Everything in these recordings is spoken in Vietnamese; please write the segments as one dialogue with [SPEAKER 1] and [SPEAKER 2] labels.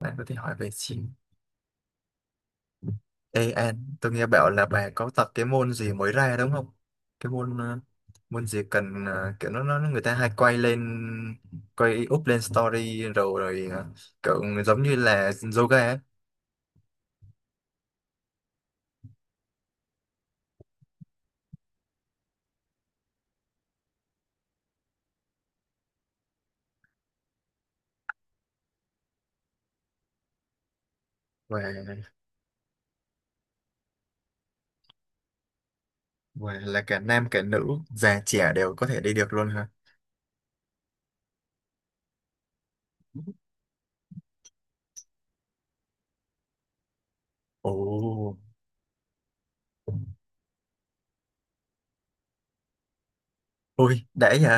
[SPEAKER 1] Bạn có thể hỏi về chim AN. Tôi nghe bảo là bà có tập cái môn gì mới ra đúng không? Cái môn môn gì cần kiểu nó người ta hay quay up lên story rồi rồi ờ, kiểu giống như là yoga ấy. Và và là cả nam cả nữ, già trẻ đều có thể đi được luôn hả? Ồ, ui đấy nhỉ?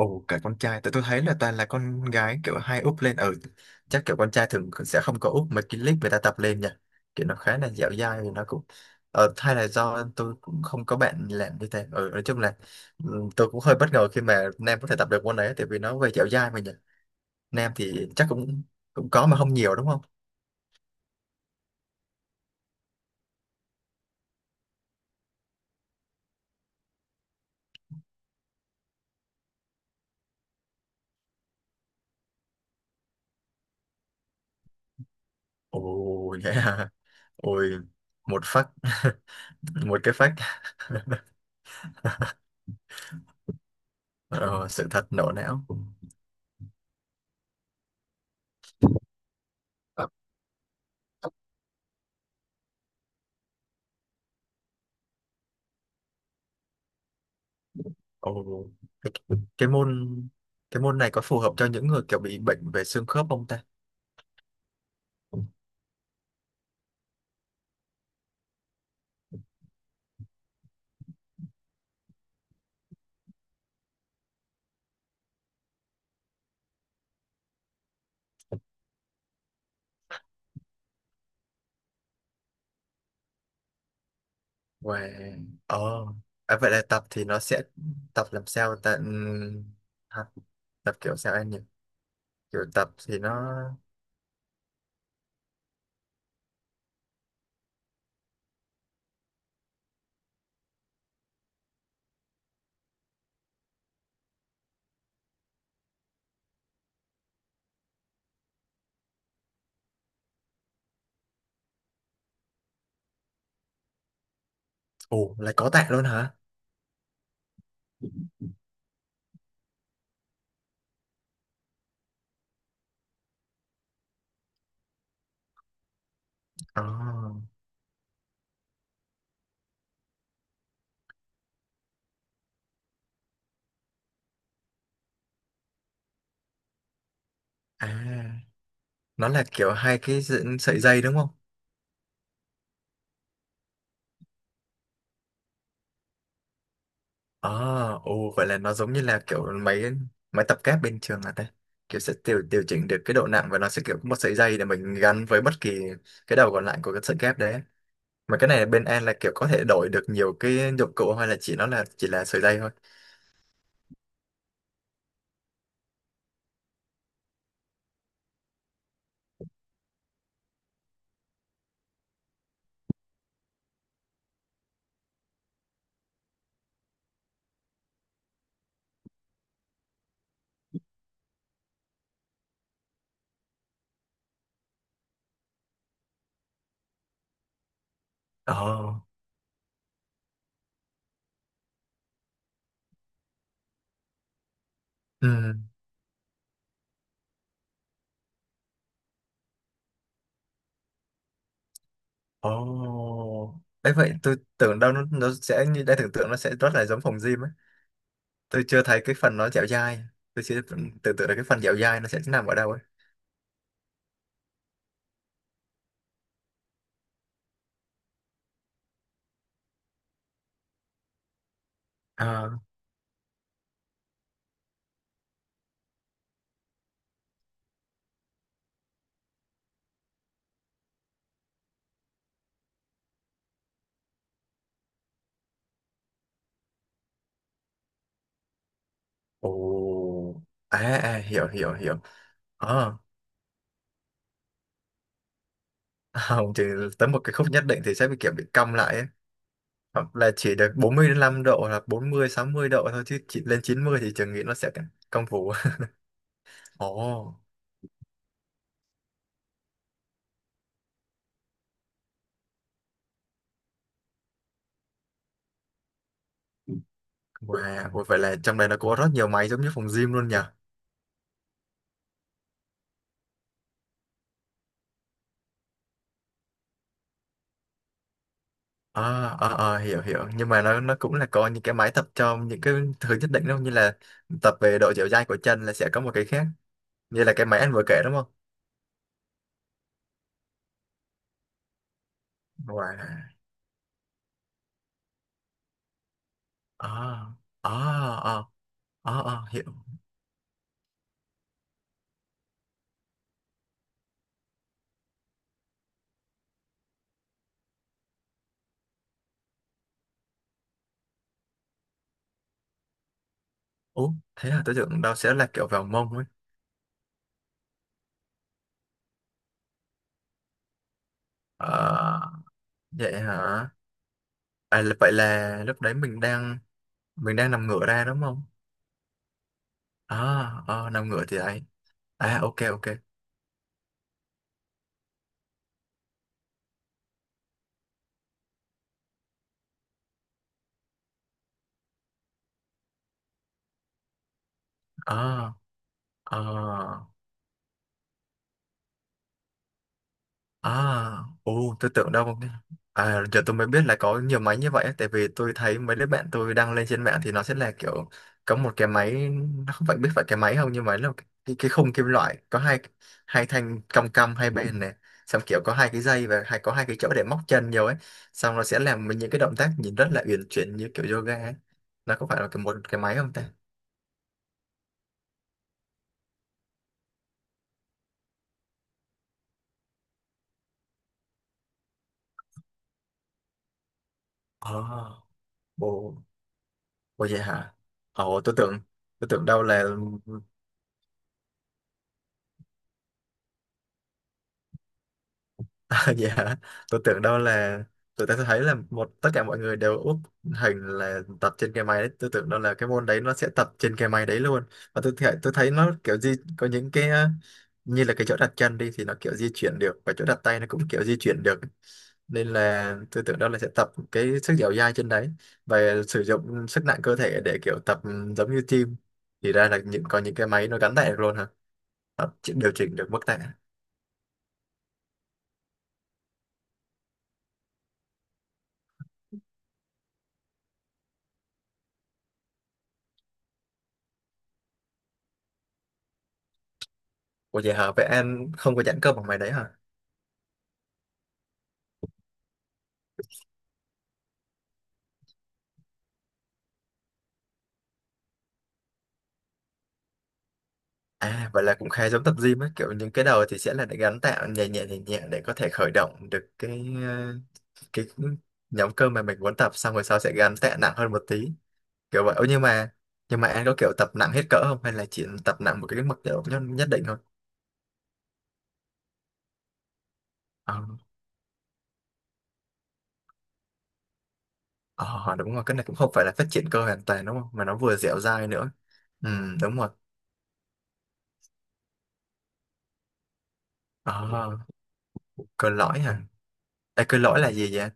[SPEAKER 1] Ồ, cả con trai, tại tôi thấy là toàn là con gái kiểu hay úp lên, ừ, chắc kiểu con trai thường sẽ không có úp mấy cái clip người ta tập lên nha, kiểu nó khá là dẻo dai, thì nó cũng, ờ, hay là do tôi cũng không có bạn làm như thế, ừ, nói chung là ừ, tôi cũng hơi bất ngờ khi mà nam có thể tập được môn đấy, tại vì nó về dẻo dai mà nhỉ, nam thì chắc cũng cũng có mà không nhiều đúng không? Ồ, yeah. Ôi, một phát, một cái phát, ờ, sự thật nổ não. Ồ, cái, cái môn cái môn này có phù hợp cho những người kiểu bị bệnh về xương khớp không ta? Và ờ à, vậy là tập thì nó sẽ tập làm sao ta? Hả? Tập kiểu sao anh nhỉ? Kiểu tập thì nó… Ồ, lại có tạ luôn hả? Ờ, à, nó là kiểu hai cái sợi dây đúng không? Ờ, ồ vậy là nó giống như là kiểu máy, máy tập kép bên trường à ta? Kiểu sẽ điều điều chỉnh được cái độ nặng và nó sẽ kiểu có một sợi dây để mình gắn với bất kỳ cái đầu còn lại của cái sợi kép đấy, mà cái này bên An là kiểu có thể đổi được nhiều cái dụng cụ hay là chỉ là sợi dây thôi? Ồ. Ừ. Ồ, đấy vậy tôi tưởng đâu nó sẽ như đã tưởng tượng, nó sẽ rất là giống phòng gym ấy, tôi chưa thấy cái phần nó dẻo dai, tôi chưa tưởng tượng được cái phần dẻo dai nó sẽ nằm ở đâu ấy. À. Ồ. À, à, hiểu hiểu hiểu. Ờ. À, không, chỉ tới một cái khúc nhất định thì sẽ bị kiểu bị cong lại ấy, hoặc là chỉ được 45 độ hoặc bốn mươi sáu mươi độ thôi, chứ chỉ lên 90 thì trường nghĩ nó sẽ cong vú. Ồ, wow, ủa vậy là trong đây nó có rất nhiều máy giống như phòng gym luôn nhỉ? À, à, à, hiểu hiểu, nhưng mà nó cũng là có những cái máy tập cho những cái thứ nhất định đâu, như là tập về độ dẻo dai của chân là sẽ có một cái khác, như là cái máy anh vừa kể đúng không? Wow. À, à, à, à, à, hiểu. Ủa, thế là tôi tưởng đâu sẽ là kiểu vào mông ấy. À, vậy hả? À, là- vậy là lúc đấy mình đang nằm ngửa ra đúng không? À, à, nằm ngửa thì ấy. À, ok ok. À, à. À, ồ, tôi tưởng đâu. À, giờ tôi mới biết là có nhiều máy như vậy á, tại vì tôi thấy mấy đứa bạn tôi đăng lên trên mạng thì nó sẽ là kiểu có một cái máy, nó không phải biết phải cái máy không, nhưng mà nó cái khung kim loại có hai hai thanh cong cong hai bên này, xong kiểu có hai cái dây và hay có hai cái chỗ để móc chân nhiều ấy, xong nó sẽ làm mình những cái động tác nhìn rất là uyển chuyển như kiểu yoga ấy. Nó có phải là cái một cái máy không ta? Ờ, ồ, ồ vậy hả? Ồ, tôi tưởng đâu là… Dạ, tôi tưởng đâu là tôi ta thấy là một tất cả mọi người đều úp hình là tập trên cái máy đấy, tôi tưởng đâu là cái môn đấy nó sẽ tập trên cái máy đấy luôn, và tôi thấy nó kiểu gì có những cái như là cái chỗ đặt chân đi thì nó kiểu di chuyển được, và chỗ đặt tay nó cũng kiểu di chuyển được, nên là tôi tưởng đâu là sẽ tập cái sức dẻo dai trên đấy và sử dụng sức nặng cơ thể để kiểu tập, giống như gym. Thì ra là những có những cái máy nó gắn tạ được luôn hả? Nó chỉ- điều chỉnh được mức tạ. Ủa vậy hả, vậy em không có giãn cơ bằng máy đấy hả? À, vậy là cũng khá giống tập gym ấy, kiểu những cái đầu thì sẽ là để gắn tạo nhẹ nhẹ nhẹ nhẹ để có thể khởi động được cái ờ, cái nhóm cơ mà mình muốn tập, xong rồi sau sẽ gắn tạ nặng hơn một tí kiểu vậy. Ô, nhưng mà anh có kiểu tập nặng hết cỡ không hay là chỉ tập nặng một cái mức độ nhất định thôi? Ờ, ờ, đúng rồi, cái này cũng không phải là phát triển cơ hoàn toàn đúng không? Mà nó vừa dẻo dai nữa. Ừ, đúng rồi. Ờ, cơ lõi hả? Ê, cơ lõi là gì vậy?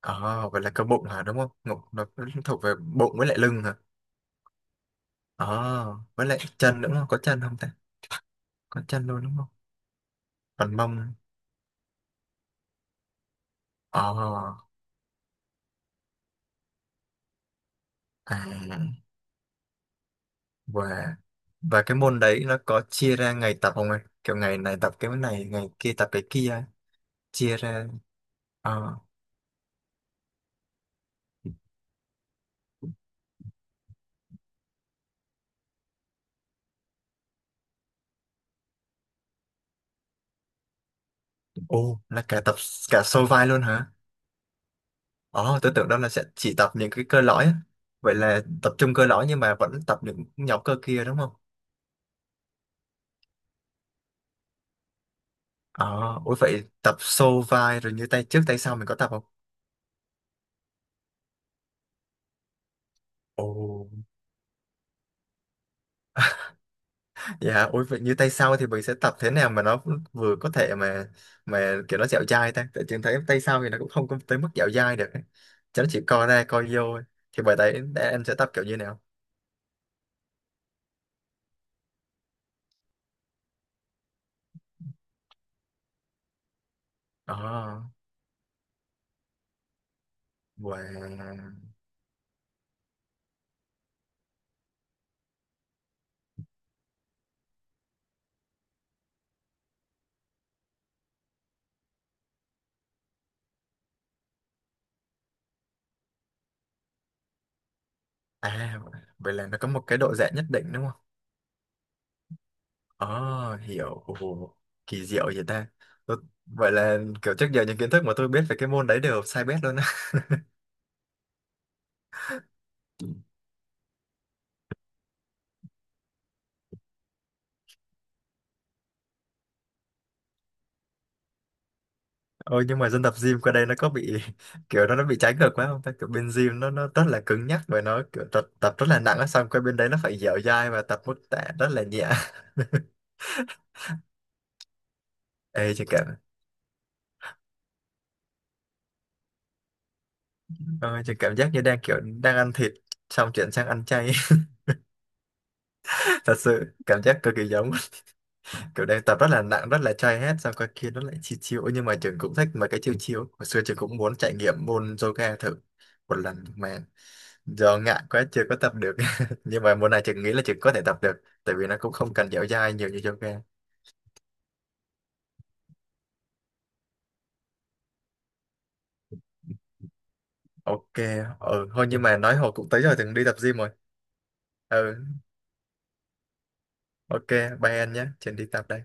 [SPEAKER 1] Ờ, vậy là cơ bụng hả đúng không? Ngục- nó thuộc về bụng với lại lưng hả? Ờ, với lại chân nữa không? Có chân không ta, có chân luôn đúng không, còn mông? Ờ. À. và và cái môn đấy nó có chia ra ngày tập không anh, kiểu ngày này tập cái này ngày kia tập cái kia, chia ra? Ờ. Ô, là cả tập cả xô vai luôn hả? Ờ, tôi tưởng đó là sẽ chỉ tập những cái cơ lõi á. Vậy là tập trung cơ lõi nhưng mà vẫn tập những nhóm cơ kia đúng không? Ờ, ủa vậy tập xô vai rồi như tay trước tay sau mình có tập không? Ồ. Dạ, ôi vậy như tay sau thì mình sẽ tập thế nào mà nó vừa có thể mà kiểu nó dẻo dai ta? Tại trường thấy tay sau thì nó cũng không có tới mức dẻo dai được ấy. Chứ nó chỉ co ra co vô ấy. Thì bởi đấy, em sẽ tập kiểu như nào? Ồ, wow. À, vậy là nó có một cái độ giãn nhất định đúng không? Ồ, hiểu. Ồ, kỳ diệu vậy ta. Tôi- vậy là kiểu trước giờ những kiến thức mà tôi biết về cái môn đấy đều sai bét luôn. Ôi nhưng mà dân tập gym qua đây nó có bị kiểu nó bị trái ngược quá không ta, kiểu bên gym nó rất là cứng nhắc và nó kiểu tập rất là nặng á, xong qua bên đấy nó phải dẻo dai và tập mức tạ rất là nhẹ. Ê chị cảm… ôi, chị cảm giác như đang kiểu đang ăn thịt xong chuyển sang ăn chay, thật sự cảm giác cực kỳ giống, kiểu đang tập rất là nặng rất là chay hết xong qua kia nó lại chill chill. Ôi, nhưng mà trường cũng thích mà, cái chill chill hồi xưa trường cũng muốn trải nghiệm môn yoga thử một lần mà do ngại quá chưa có tập được. Nhưng mà mùa này chị nghĩ là chị có thể tập được, tại vì nó cũng không cần dẻo dai nhiều như yoga. Ok. Ừ thôi nhưng mà nói hồi cũng tới rồi, từng đi tập gym rồi. Ừ. Ok, bye anh nhé, trường đi tập đây.